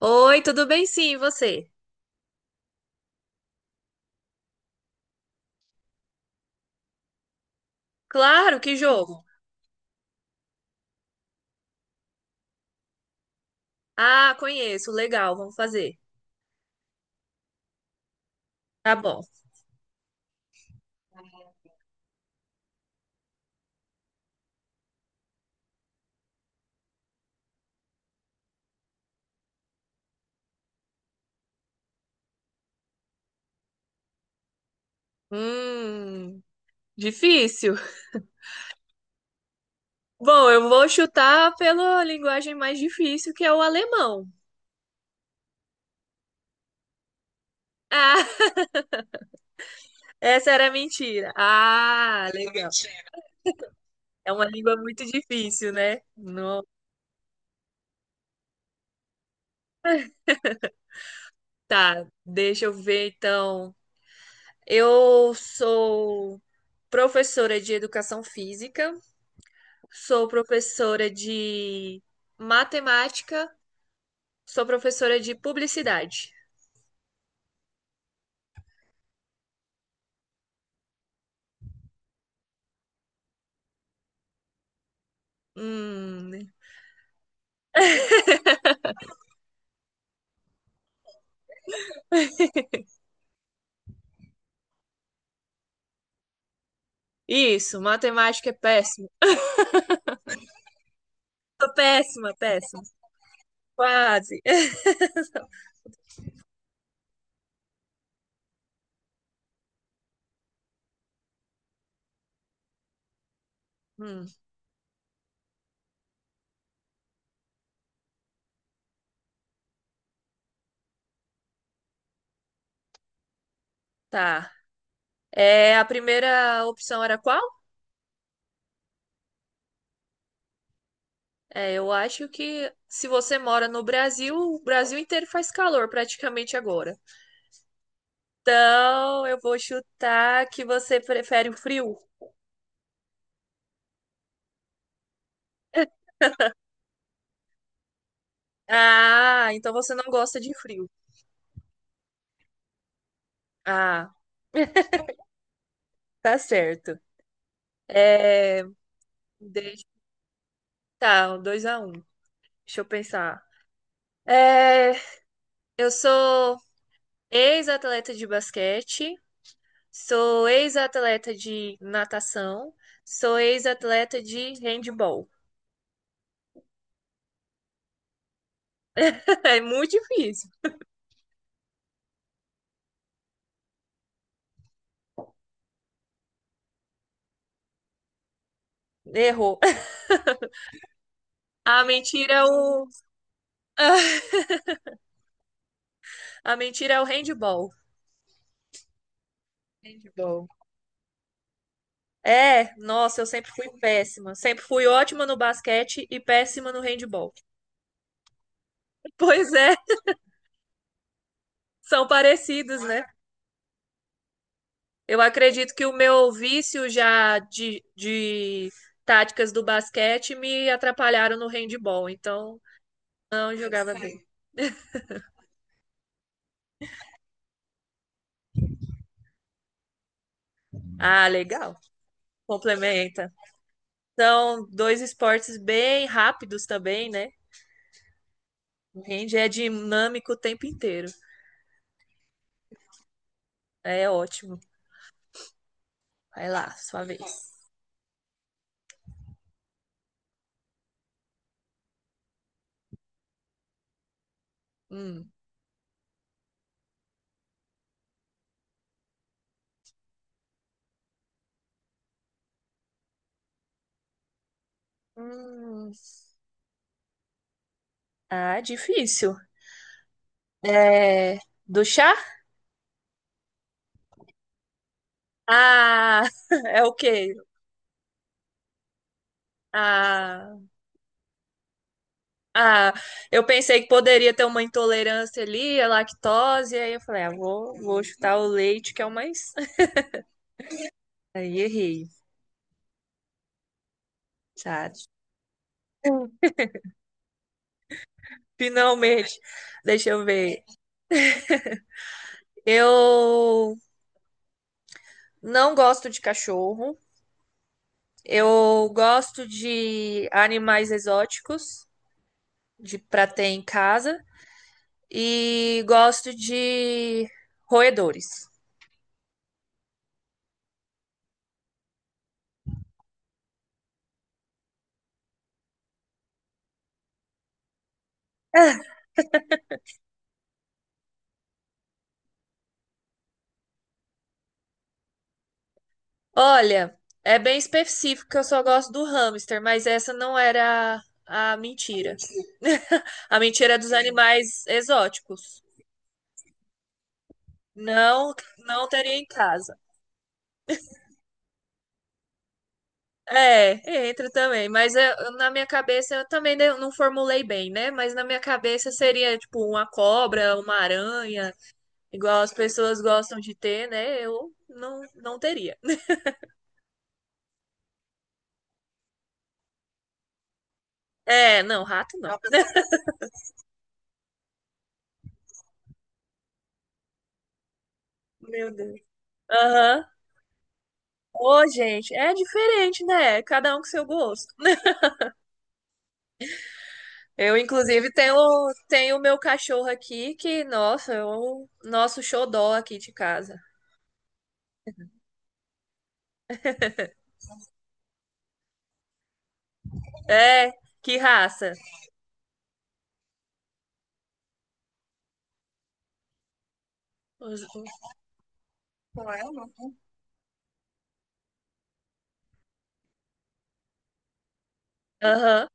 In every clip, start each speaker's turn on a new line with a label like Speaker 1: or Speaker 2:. Speaker 1: Oi, tudo bem? Sim, e você? Claro, que jogo? Ah, conheço, legal, vamos fazer. Tá bom. Hum, difícil. Bom, eu vou chutar pela linguagem mais difícil, que é o alemão. Ah, essa era mentira. Ah, legal. É uma língua muito difícil, né? Não. Tá, deixa eu ver então. Eu sou professora de educação física, sou professora de matemática. Sou professora de publicidade. Hum, isso, matemática é péssimo. Tô péssima, péssima. Quase. Hum, tá. É, a primeira opção era qual? É, eu acho que se você mora no Brasil, o Brasil inteiro faz calor praticamente agora. Então, eu vou chutar que você prefere o frio. Ah, então você não gosta de frio. Ah, tá certo. É, deixa, tá, 2-1. Deixa eu pensar. É, eu sou ex-atleta de basquete, sou ex-atleta de natação, sou ex-atleta de handball. É muito difícil. Errou. A mentira é o a mentira é o handball. Handball. É, nossa, eu sempre fui péssima. Sempre fui ótima no basquete e péssima no handball. Pois é, são parecidos, né? Eu acredito que o meu vício já de táticas do basquete me atrapalharam no handball, então não jogava bem. Ah, legal. Complementa. São dois esportes bem rápidos também, né? O hand é dinâmico o tempo inteiro. É ótimo. Vai lá, sua vez. Hum. Hum. Ah, difícil. É... Do chá? Ah, é o quê? Ah, Ah, eu pensei que poderia ter uma intolerância ali, a lactose, e aí eu falei, ah, vou chutar o leite, que é o mais. Aí errei, sabe? Finalmente. Deixa eu ver. Eu não gosto de cachorro. Eu gosto de animais exóticos, de pra ter em casa, e gosto de roedores. Olha, é bem específico que eu só gosto do hamster, mas essa não era a mentira. A mentira é dos animais exóticos. Não, não teria em casa. É, entra também, mas na minha cabeça eu também não formulei bem, né? Mas na minha cabeça seria tipo uma cobra, uma aranha, igual as pessoas gostam de ter, né? Eu não teria. É, não, rato não. Meu Deus. Aham. Ô, gente, é diferente, né? Cada um com seu gosto. Eu, inclusive, tenho o meu cachorro aqui que, nossa, é o nosso xodó aqui de casa. É, que raça? Os, os... Não é, não? Aham,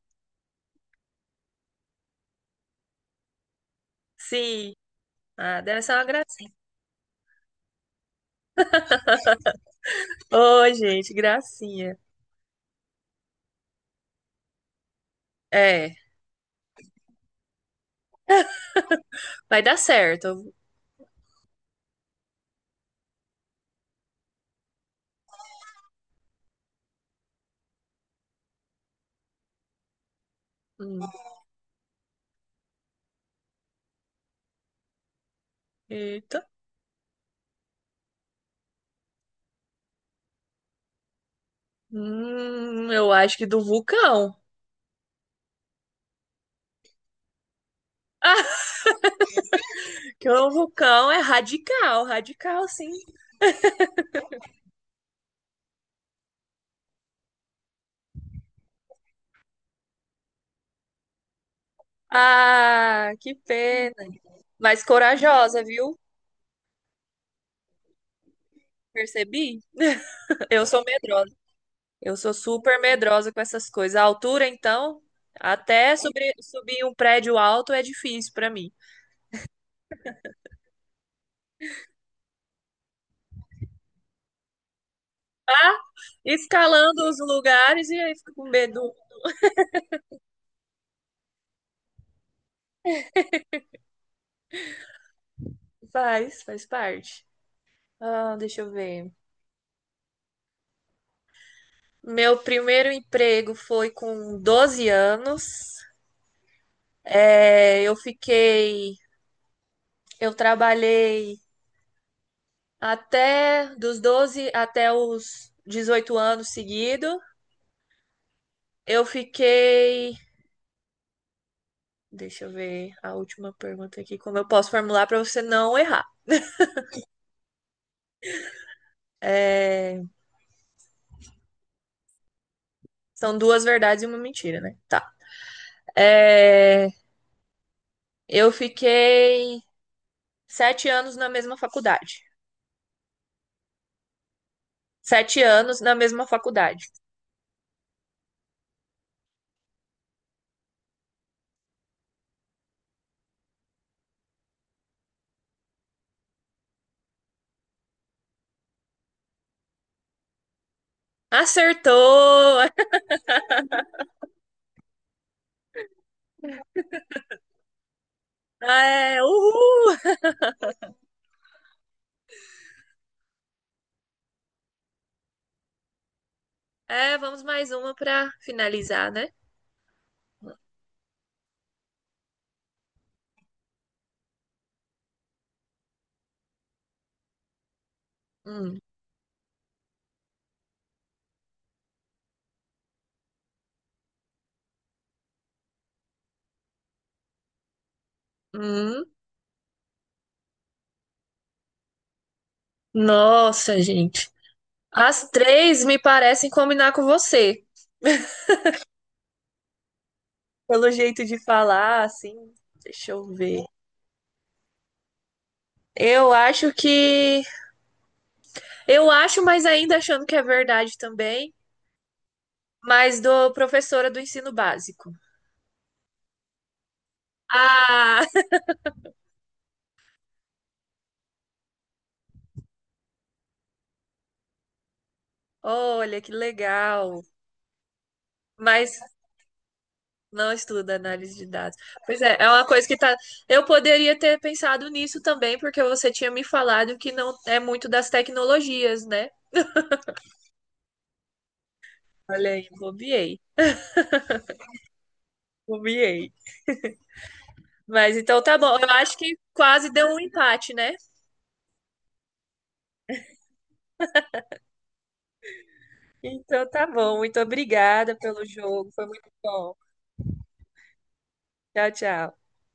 Speaker 1: sim. Ah, deve ser uma gracinha. Ô, gente, gracinha. É, vai dar certo. Hum, Eita. Eu acho que do vulcão. Que o vulcão é radical, radical, sim. Ah, que pena. Mas corajosa, viu? Percebi? Eu sou medrosa. Eu sou super medrosa com essas coisas. A altura, então, até subir um prédio alto é difícil pra mim. Escalando os lugares e aí fica com medo. Faz parte. Ah, deixa eu ver. Meu primeiro emprego foi com 12 anos. É, eu trabalhei até dos 12 até os 18 anos seguido. Eu fiquei, deixa eu ver a última pergunta aqui, como eu posso formular para você não errar. É, são duas verdades e uma mentira, né? Tá. É, eu fiquei 7 anos na mesma faculdade. 7 anos na mesma faculdade. Acertou! Ah, é, uhul! É, vamos mais uma para finalizar, né? Hum, hum. Nossa, gente. As três me parecem combinar com você. Pelo jeito de falar, assim. Deixa eu ver. Eu acho que. Eu acho, mas ainda achando que é verdade também. Mas do professora do ensino básico. Ah! Olha, que legal. Mas não estuda análise de dados. Pois é, é uma coisa que tá. Eu poderia ter pensado nisso também, porque você tinha me falado que não é muito das tecnologias, né? Olha aí, bobiei, bobiei. Mas então tá bom. Eu acho que quase deu um empate, né? Então tá bom. Muito obrigada pelo jogo. Foi muito bom. Tchau, tchau.